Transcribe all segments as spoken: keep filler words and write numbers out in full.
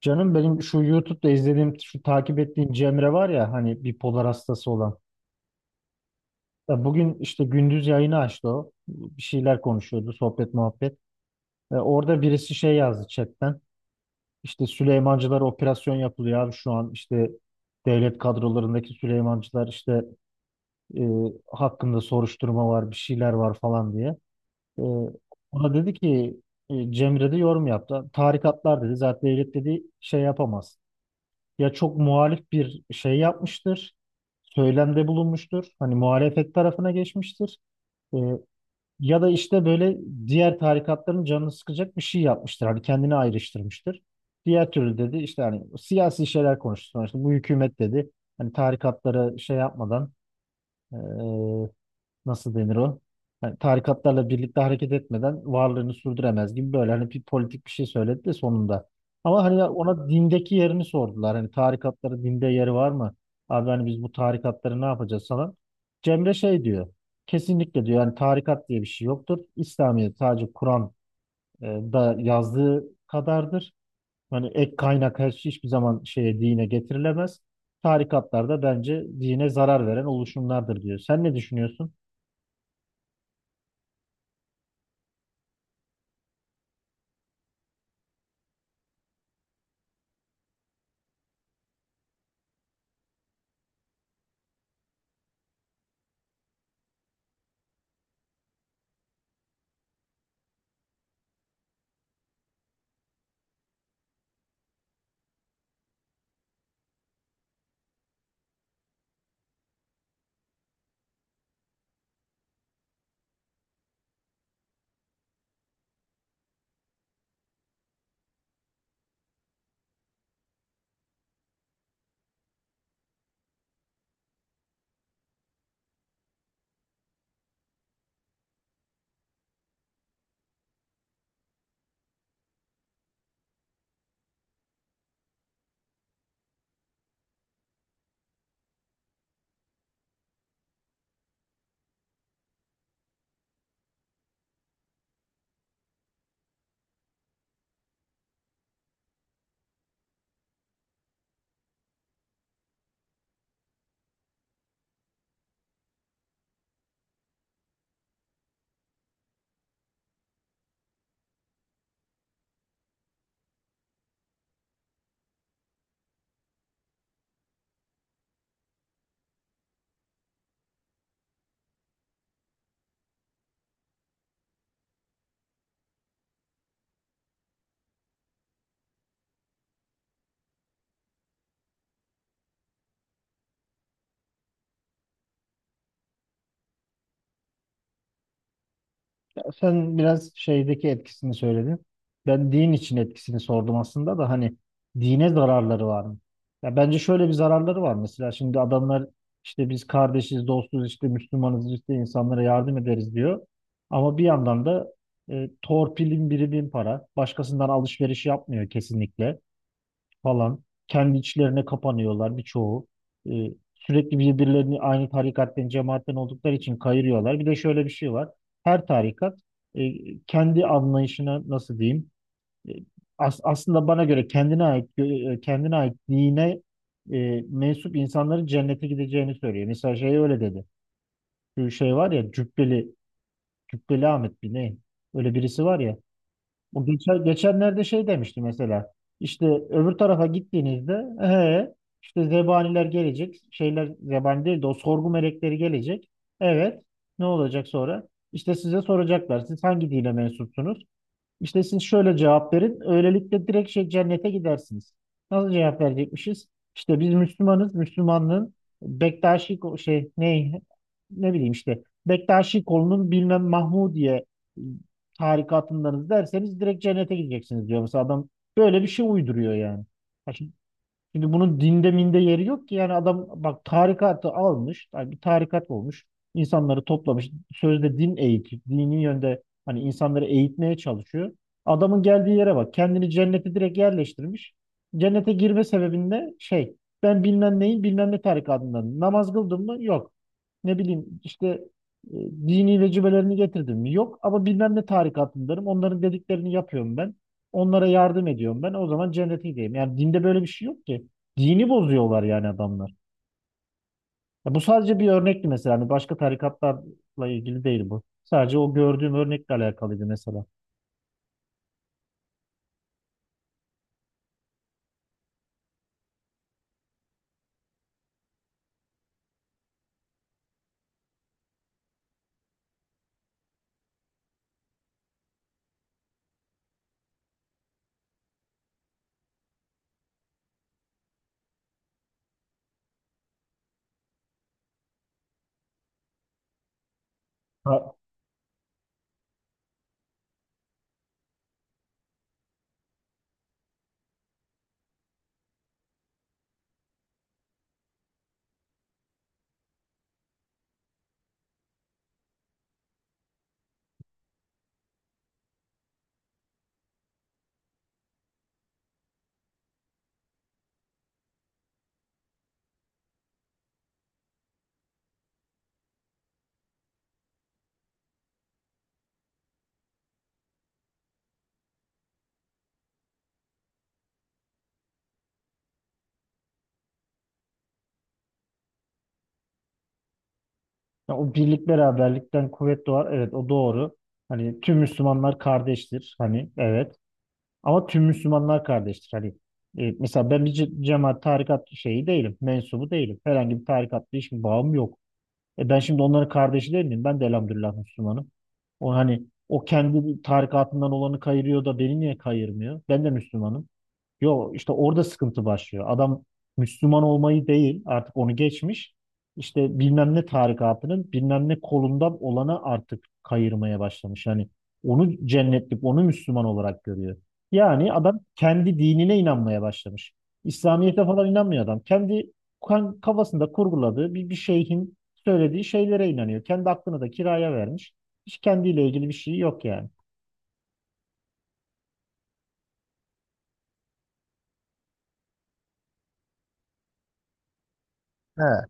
Canım benim şu YouTube'da izlediğim, şu takip ettiğim Cemre var ya hani bipolar hastası olan. Ya bugün işte gündüz yayını açtı o. Bir şeyler konuşuyordu, sohbet muhabbet. E, orada birisi şey yazdı chatten. İşte Süleymancılara operasyon yapılıyor abi şu an işte devlet kadrolarındaki Süleymancılar işte e, hakkında soruşturma var, bir şeyler var falan diye. E, Ona dedi ki e, Cemre de yorum yaptı. Tarikatlar dedi zaten devlet dedi şey yapamaz ya çok muhalif bir şey yapmıştır, söylemde bulunmuştur, hani muhalefet tarafına geçmiştir. Ee, Ya da işte böyle diğer tarikatların canını sıkacak bir şey yapmıştır, hani kendini ayrıştırmıştır. Diğer türlü dedi işte hani siyasi şeyler konuştu sonuçta bu hükümet dedi. Hani tarikatlara şey yapmadan e, nasıl denir o? Yani tarikatlarla birlikte hareket etmeden varlığını sürdüremez gibi böyle hani bir politik bir şey söyledi de sonunda. Ama hani ona dindeki yerini sordular. Hani tarikatların dinde yeri var mı? Abi hani biz bu tarikatları ne yapacağız falan. Cemre şey diyor. Kesinlikle diyor yani tarikat diye bir şey yoktur. İslamiyet sadece Kur'an e, da yazdığı kadardır. Hani ek kaynak her şey hiçbir zaman şeye dine getirilemez. Tarikatlar da bence dine zarar veren oluşumlardır diyor. Sen ne düşünüyorsun? Ya sen biraz şeydeki etkisini söyledin. Ben din için etkisini sordum aslında da hani dine zararları var mı? Ya bence şöyle bir zararları var mesela şimdi adamlar işte biz kardeşiz, dostuz, işte Müslümanız, işte insanlara yardım ederiz diyor. Ama bir yandan da e, torpilin biri bin para. Başkasından alışveriş yapmıyor kesinlikle falan. Kendi içlerine kapanıyorlar birçoğu. Ee, Sürekli birbirlerini aynı tarikatten, cemaatten oldukları için kayırıyorlar. Bir de şöyle bir şey var. Her tarikat e, kendi anlayışına nasıl diyeyim? e, as- Aslında bana göre kendine ait gö- e, kendine ait dine e, mensup insanların cennete gideceğini söylüyor. Mesela şey öyle dedi. Şu şey var ya Cübbeli, Cübbeli Ahmet bir ne? Öyle birisi var ya. Bu geçen, geçenlerde şey demişti mesela. İşte öbür tarafa gittiğinizde he, işte zebaniler gelecek. Şeyler zebani değil de o sorgu melekleri gelecek. Evet. Ne olacak sonra? İşte size soracaklar. Siz hangi dine mensupsunuz? İşte siz şöyle cevap verin. Öylelikle direkt şey cennete gidersiniz. Nasıl cevap verecekmişiz? İşte biz Müslümanız. Müslümanlığın Bektaşi ko- şey ne ne bileyim işte Bektaşi kolunun bilmem Mahmudiye e, tarikatındanız derseniz direkt cennete gideceksiniz diyor. Mesela adam böyle bir şey uyduruyor yani. Şimdi bunun dinde minde yeri yok ki. Yani adam bak tarikatı almış. Yani bir tarikat olmuş. İnsanları toplamış. Sözde din eğitiyor. Dini yönde hani insanları eğitmeye çalışıyor. Adamın geldiği yere bak. Kendini cennete direkt yerleştirmiş. Cennete girme sebebinde şey ben bilmem neyin bilmem ne tarikatından namaz kıldım mı? Yok. Ne bileyim işte e, dini vecibelerini getirdim mi? Yok ama bilmem ne tarikatındarım. Onların dediklerini yapıyorum ben. Onlara yardım ediyorum ben. O zaman cennetindeyim. Yani dinde böyle bir şey yok ki. Dini bozuyorlar yani adamlar. Ya bu sadece bir örnekti mesela. Hani başka tarikatlarla ilgili değil bu. Sadece o gördüğüm örnekle alakalıydı mesela. Ha, ya o birlik beraberlikten kuvvet doğar. Evet o doğru. Hani tüm Müslümanlar kardeştir. Hani evet. Ama tüm Müslümanlar kardeştir. Hani e, mesela ben bir ce- cemaat tarikat şeyi değilim. Mensubu değilim. Herhangi bir tarikatla hiçbir bağım yok. E ben şimdi onların kardeşi değil miyim? Ben de elhamdülillah Müslümanım. O hani o kendi tarikatından olanı kayırıyor da beni niye kayırmıyor? Ben de Müslümanım. Yo işte orada sıkıntı başlıyor. Adam Müslüman olmayı değil artık onu geçmiş. İşte bilmem ne tarikatının bilmem ne kolundan olana artık kayırmaya başlamış. Yani onu cennetlik, onu Müslüman olarak görüyor. Yani adam kendi dinine inanmaya başlamış. İslamiyet'e falan inanmıyor adam. Kendi kan- kafasında kurguladığı bir, bir şeyhin söylediği şeylere inanıyor. Kendi aklını da kiraya vermiş. Hiç kendiyle ilgili bir şey yok yani. He.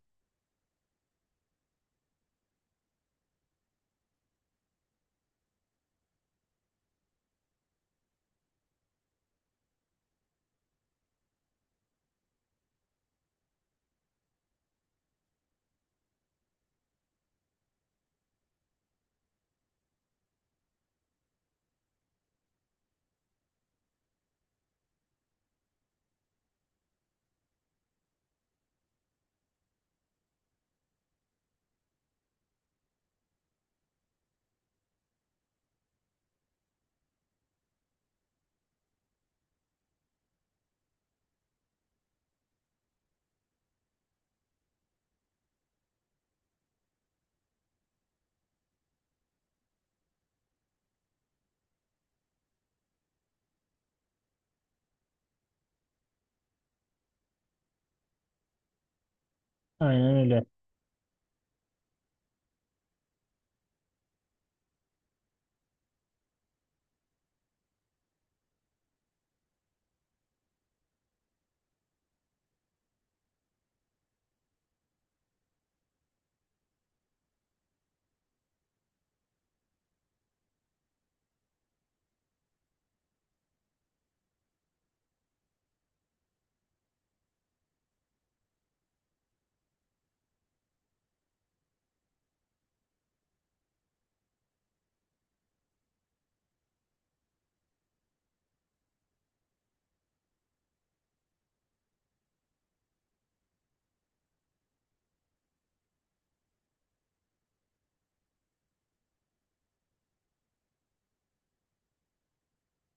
Aynen öyle.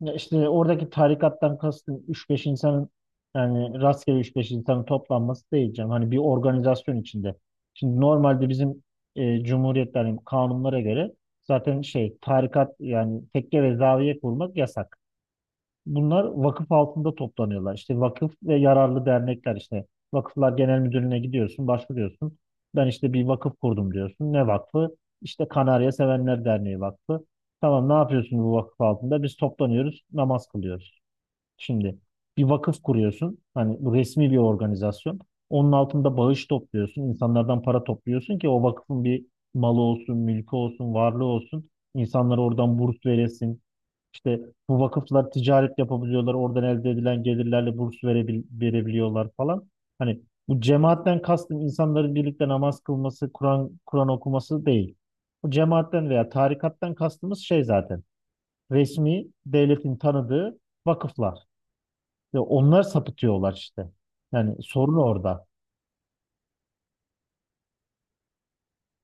Ya işte oradaki tarikattan kastım üç beş insanın yani rastgele üç beş insanın toplanması değil canım. Hani bir organizasyon içinde. Şimdi normalde bizim e, cumhuriyetlerin kanunlara göre zaten şey tarikat yani tekke ve zaviye kurmak yasak. Bunlar vakıf altında toplanıyorlar. İşte vakıf ve yararlı dernekler işte. Vakıflar Genel Müdürlüğü'ne gidiyorsun, başvuruyorsun. Ben işte bir vakıf kurdum diyorsun. Ne vakfı? İşte Kanarya Sevenler Derneği Vakfı. Tamam ne yapıyorsun bu vakıf altında? Biz toplanıyoruz, namaz kılıyoruz. Şimdi bir vakıf kuruyorsun. Hani bu resmi bir organizasyon. Onun altında bağış topluyorsun. İnsanlardan para topluyorsun ki o vakfın bir malı olsun, mülkü olsun, varlığı olsun. İnsanlara oradan burs veresin işte bu vakıflar ticaret yapabiliyorlar. Oradan elde edilen gelirlerle burs verebil verebiliyorlar falan. Hani bu cemaatten kastım insanların birlikte namaz kılması, Kur'an Kur'an okuması değil. Bu cemaatten veya tarikattan kastımız şey zaten. Resmi devletin tanıdığı vakıflar. Ve onlar sapıtıyorlar işte. Yani sorun orada.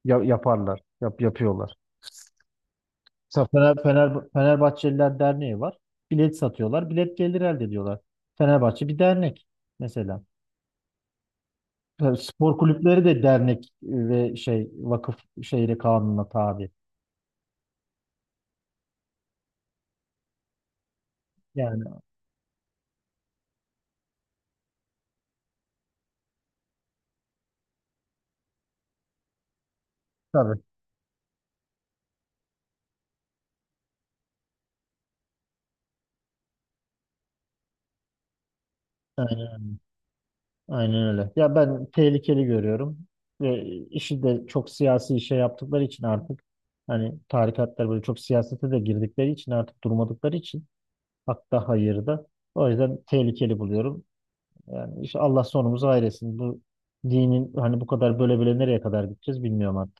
Ya- yaparlar, yap yapıyorlar. Mesela Fener, Fener, Fenerbahçeliler Derneği var. Bilet satıyorlar, bilet gelir elde ediyorlar. Fenerbahçe bir dernek mesela. Tabii spor kulüpleri de dernek e, ve şey vakıf şeyle kanuna tabi. Yani tabii. Aynen, öyle. Aynen öyle. Ya ben tehlikeli görüyorum ve işi de çok siyasi şey yaptıkları için artık hani tarikatlar böyle çok siyasete de girdikleri için artık durmadıkları için hatta hayır da o yüzden tehlikeli buluyorum. Yani işte Allah sonumuzu hayretsin. Bu dinin hani bu kadar böyle böyle nereye kadar gideceğiz bilmiyorum.